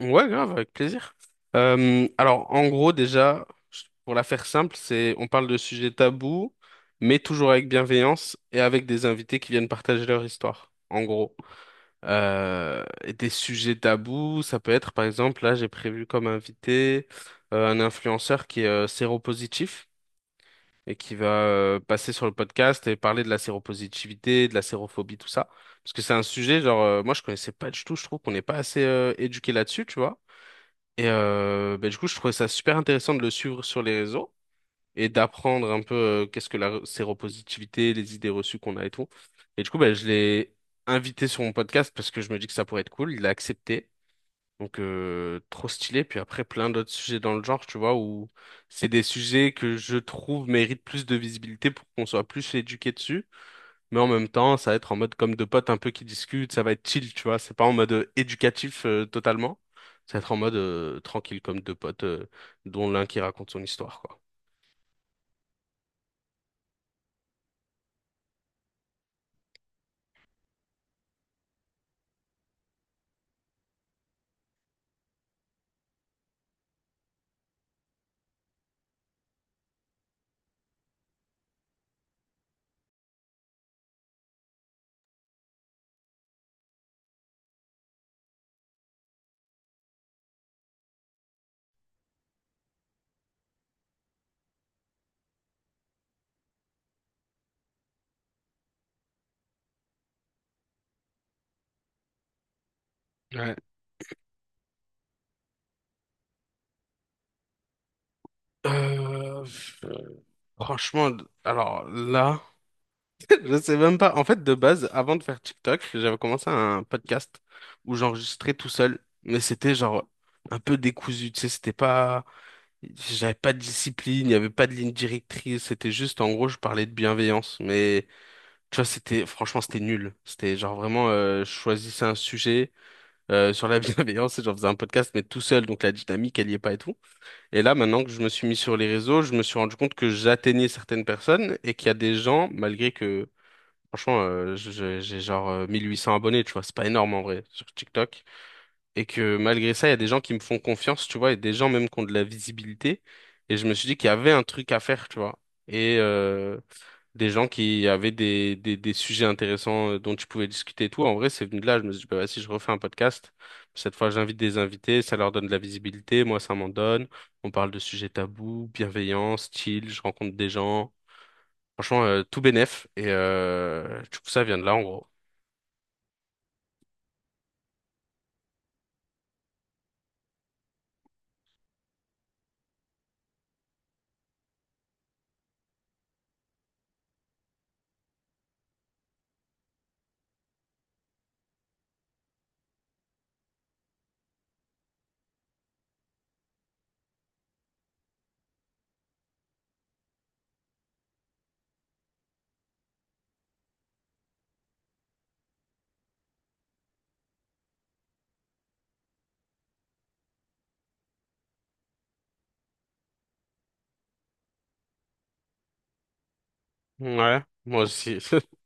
Ouais, grave, avec plaisir. En gros, déjà, pour la faire simple, c'est on parle de sujets tabous, mais toujours avec bienveillance et avec des invités qui viennent partager leur histoire, en gros. Et des sujets tabous, ça peut être, par exemple, là, j'ai prévu comme invité un influenceur qui est séropositif et qui va passer sur le podcast et parler de la séropositivité, de la sérophobie, tout ça. Parce que c'est un sujet, genre, moi, je connaissais pas du tout, je trouve qu'on n'est pas assez éduqué là-dessus, tu vois. Et ben, du coup, je trouvais ça super intéressant de le suivre sur les réseaux et d'apprendre un peu qu'est-ce que la séropositivité, les idées reçues qu'on a et tout. Et du coup, ben, je l'ai invité sur mon podcast parce que je me dis que ça pourrait être cool. Il a accepté. Donc trop stylé. Puis après, plein d'autres sujets dans le genre, tu vois, où c'est des sujets que je trouve méritent plus de visibilité pour qu'on soit plus éduqué dessus, mais en même temps, ça va être en mode comme deux potes un peu qui discutent, ça va être chill, tu vois. C'est pas en mode éducatif totalement. Ça va être en mode tranquille, comme deux potes, dont l'un qui raconte son histoire, quoi. Ouais. Euh, franchement, alors là, je sais même pas. En fait, de base, avant de faire TikTok, j'avais commencé un podcast où j'enregistrais tout seul, mais c'était genre un peu décousu, tu sais, c'était pas, j'avais pas de discipline, il y avait pas de ligne directrice, c'était juste, en gros, je parlais de bienveillance, mais tu vois, c'était franchement c'était nul. C'était genre vraiment je choisissais un sujet sur la bienveillance et j'en faisais un podcast mais tout seul, donc la dynamique elle y est pas et tout. Et là maintenant que je me suis mis sur les réseaux, je me suis rendu compte que j'atteignais certaines personnes et qu'il y a des gens malgré que franchement, j'ai genre 1800 abonnés, tu vois, c'est pas énorme en vrai sur TikTok, et que malgré ça il y a des gens qui me font confiance, tu vois, et des gens même qui ont de la visibilité, et je me suis dit qu'il y avait un truc à faire, tu vois. Et des gens qui avaient des sujets intéressants dont tu pouvais discuter et tout. En vrai, c'est venu de là. Je me suis dit, bah, si je refais un podcast, cette fois, j'invite des invités, ça leur donne de la visibilité, moi, ça m'en donne. On parle de sujets tabous, bienveillants style, je rencontre des gens. Franchement, tout bénef. Et du coup, ça vient de là, en gros. Ouais, moi aussi.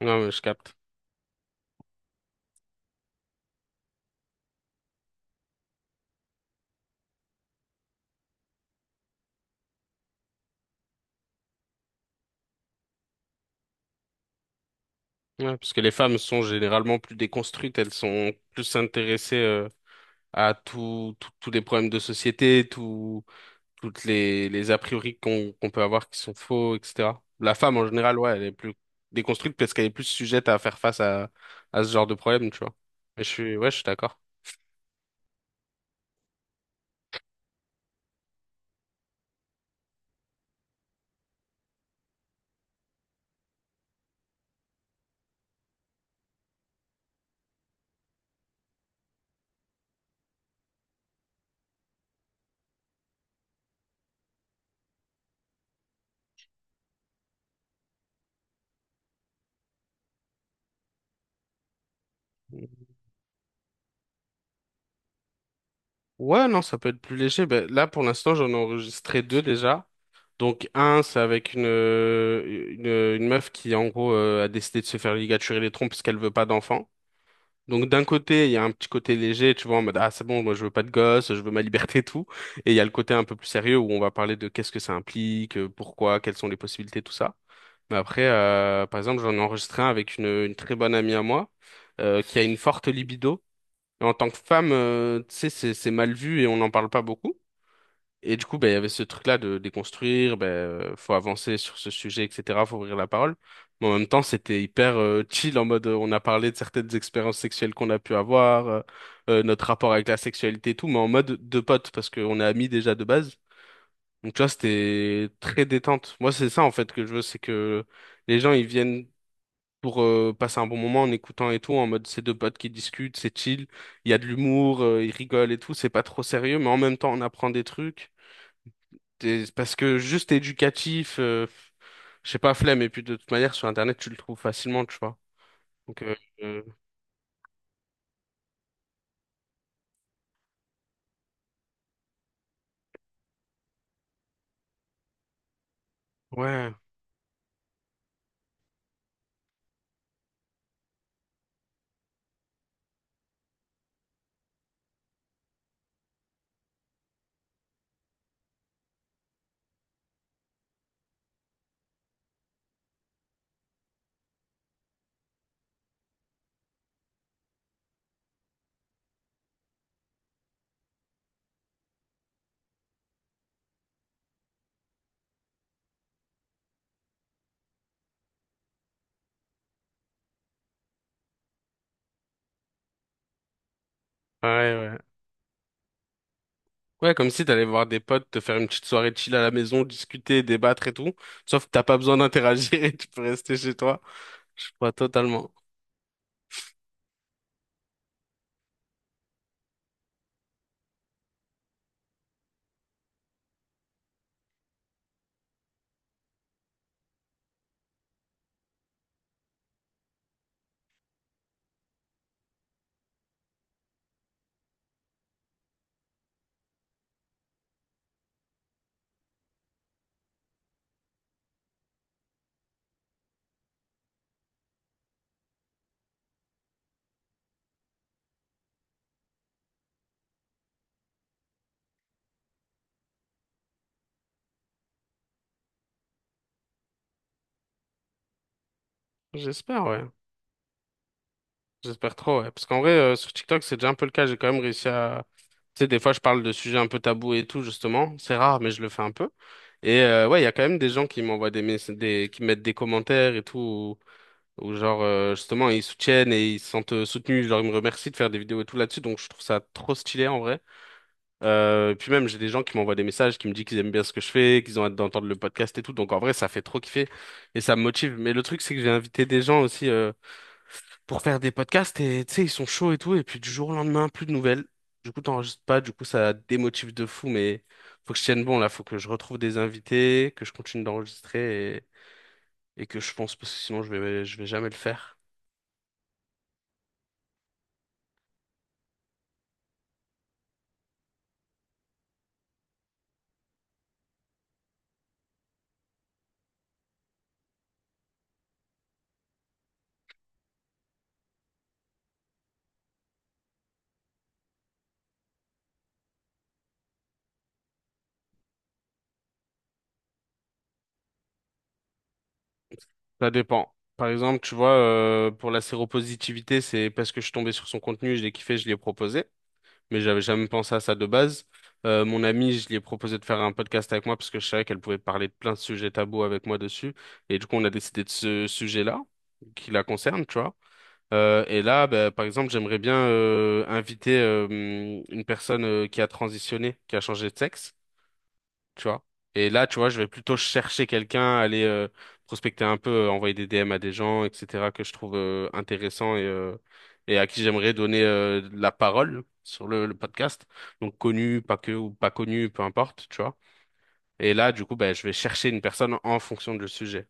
Non, mais je capte. Ouais, parce que les femmes sont généralement plus déconstruites, elles sont plus intéressées à tout, tous les problèmes de société, tout, toutes les a priori qu'on peut avoir qui sont faux, etc. La femme, en général, ouais, elle est plus déconstruite parce qu'elle est plus sujette à faire face à ce genre de problème, tu vois. Mais je suis, ouais, je suis d'accord. Ouais, non, ça peut être plus léger. Ben, là, pour l'instant, j'en ai enregistré deux déjà. Donc, un, c'est avec une, une meuf qui, en gros, a décidé de se faire ligaturer les trompes parce qu'elle veut pas d'enfant. Donc d'un côté, il y a un petit côté léger, tu vois, en mode ah c'est bon, moi je veux pas de gosse, je veux ma liberté et tout. Et il y a le côté un peu plus sérieux où on va parler de qu'est-ce que ça implique, pourquoi, quelles sont les possibilités, tout ça. Mais après, par exemple, j'en ai enregistré un avec une très bonne amie à moi qui a une forte libido. Et en tant que femme, tu sais, c'est mal vu et on n'en parle pas beaucoup. Et du coup, ben, il y avait ce truc-là de déconstruire, ben, faut avancer sur ce sujet, etc., faut ouvrir la parole. Mais en même temps, c'était hyper chill, en mode, on a parlé de certaines expériences sexuelles qu'on a pu avoir, notre rapport avec la sexualité et tout, mais en mode de potes, parce qu'on est amis déjà de base. Donc, tu vois, c'était très détente. Moi, c'est ça, en fait, que je veux, c'est que les gens, ils viennent pour passer un bon moment en écoutant et tout, en mode, c'est deux potes qui discutent, c'est chill, il y a de l'humour, ils rigolent et tout, c'est pas trop sérieux, mais en même temps, on apprend des trucs. Parce que juste éducatif, je sais pas, flemme, et puis de toute manière, sur Internet, tu le trouves facilement, tu vois. Donc, euh, ouais, ouais, ouais. Ouais, comme si t'allais voir des potes, te faire une petite soirée chill à la maison, discuter, débattre et tout. Sauf que t'as pas besoin d'interagir et tu peux rester chez toi. Je crois totalement. J'espère, ouais. J'espère trop, ouais. Parce qu'en vrai, sur TikTok, c'est déjà un peu le cas. J'ai quand même réussi à... Tu sais, des fois, je parle de sujets un peu tabous et tout, justement. C'est rare, mais je le fais un peu. Et ouais, il y a quand même des gens qui m'envoient qui mettent des commentaires et tout, ou genre, justement, ils soutiennent et ils se sentent soutenus. Genre, ils me remercient de faire des vidéos et tout là-dessus. Donc, je trouve ça trop stylé, en vrai. Et puis même, j'ai des gens qui m'envoient des messages, qui me disent qu'ils aiment bien ce que je fais, qu'ils ont hâte d'entendre le podcast et tout. Donc, en vrai, ça fait trop kiffer et ça me motive. Mais le truc, c'est que j'ai invité des gens aussi. Pour faire des podcasts et tu sais, ils sont chauds et tout. Et puis du jour au lendemain, plus de nouvelles. Du coup, t'enregistres pas, du coup, ça démotive de fou, mais faut que je tienne bon là, faut que je retrouve des invités, que je continue d'enregistrer et que je pense, parce que sinon je vais jamais le faire. Ça dépend. Par exemple, tu vois, pour la séropositivité, c'est parce que je suis tombé sur son contenu, je l'ai kiffé, je l'ai proposé. Mais j'avais jamais pensé à ça de base. Mon amie, je lui ai proposé de faire un podcast avec moi parce que je savais qu'elle pouvait parler de plein de sujets tabous avec moi dessus. Et du coup, on a décidé de ce sujet-là qui la concerne, tu vois. Et là, bah, par exemple, j'aimerais bien inviter une personne qui a transitionné, qui a changé de sexe, tu vois. Et là, tu vois, je vais plutôt chercher quelqu'un, aller prospecter un peu, envoyer des DM à des gens, etc., que je trouve intéressants et à qui j'aimerais donner de la parole sur le podcast. Donc connu, pas que, ou pas connu, peu importe, tu vois. Et là, du coup, ben, je vais chercher une personne en fonction du sujet.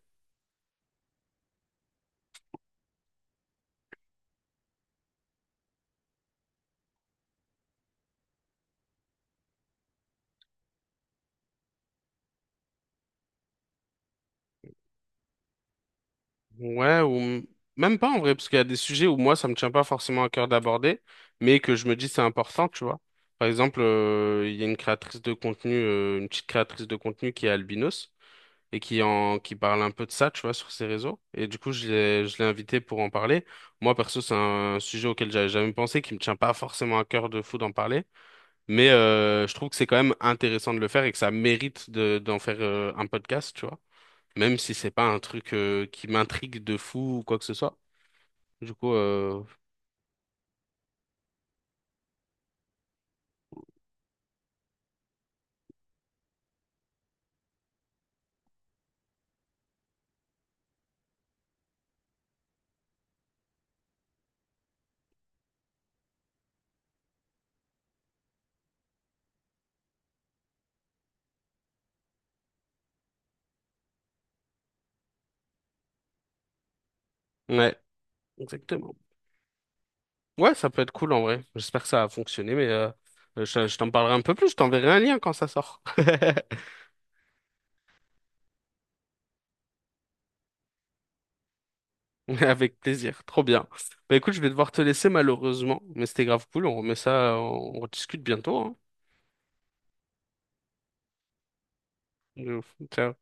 Ouais, même pas en vrai, parce qu'il y a des sujets où moi, ça me tient pas forcément à cœur d'aborder, mais que je me dis c'est important, tu vois. Par exemple, il y a une créatrice de contenu, une petite créatrice de contenu qui est albinos et qui parle un peu de ça, tu vois, sur ses réseaux. Et du coup, je l'ai invitée pour en parler. Moi, perso, c'est un sujet auquel j'avais jamais pensé, qui me tient pas forcément à cœur de fou d'en parler, mais je trouve que c'est quand même intéressant de le faire et que ça mérite de d'en faire un podcast, tu vois, même si c'est pas un truc qui m'intrigue de fou ou quoi que ce soit. Du coup, euh, ouais, exactement. Ouais, ça peut être cool en vrai. J'espère que ça a fonctionné, mais je t'en parlerai un peu plus. Je t'enverrai un lien quand ça sort. Avec plaisir, trop bien. Bah écoute, je vais devoir te laisser malheureusement, mais c'était grave cool. On remet ça, on discute bientôt, hein. Euh, Ciao.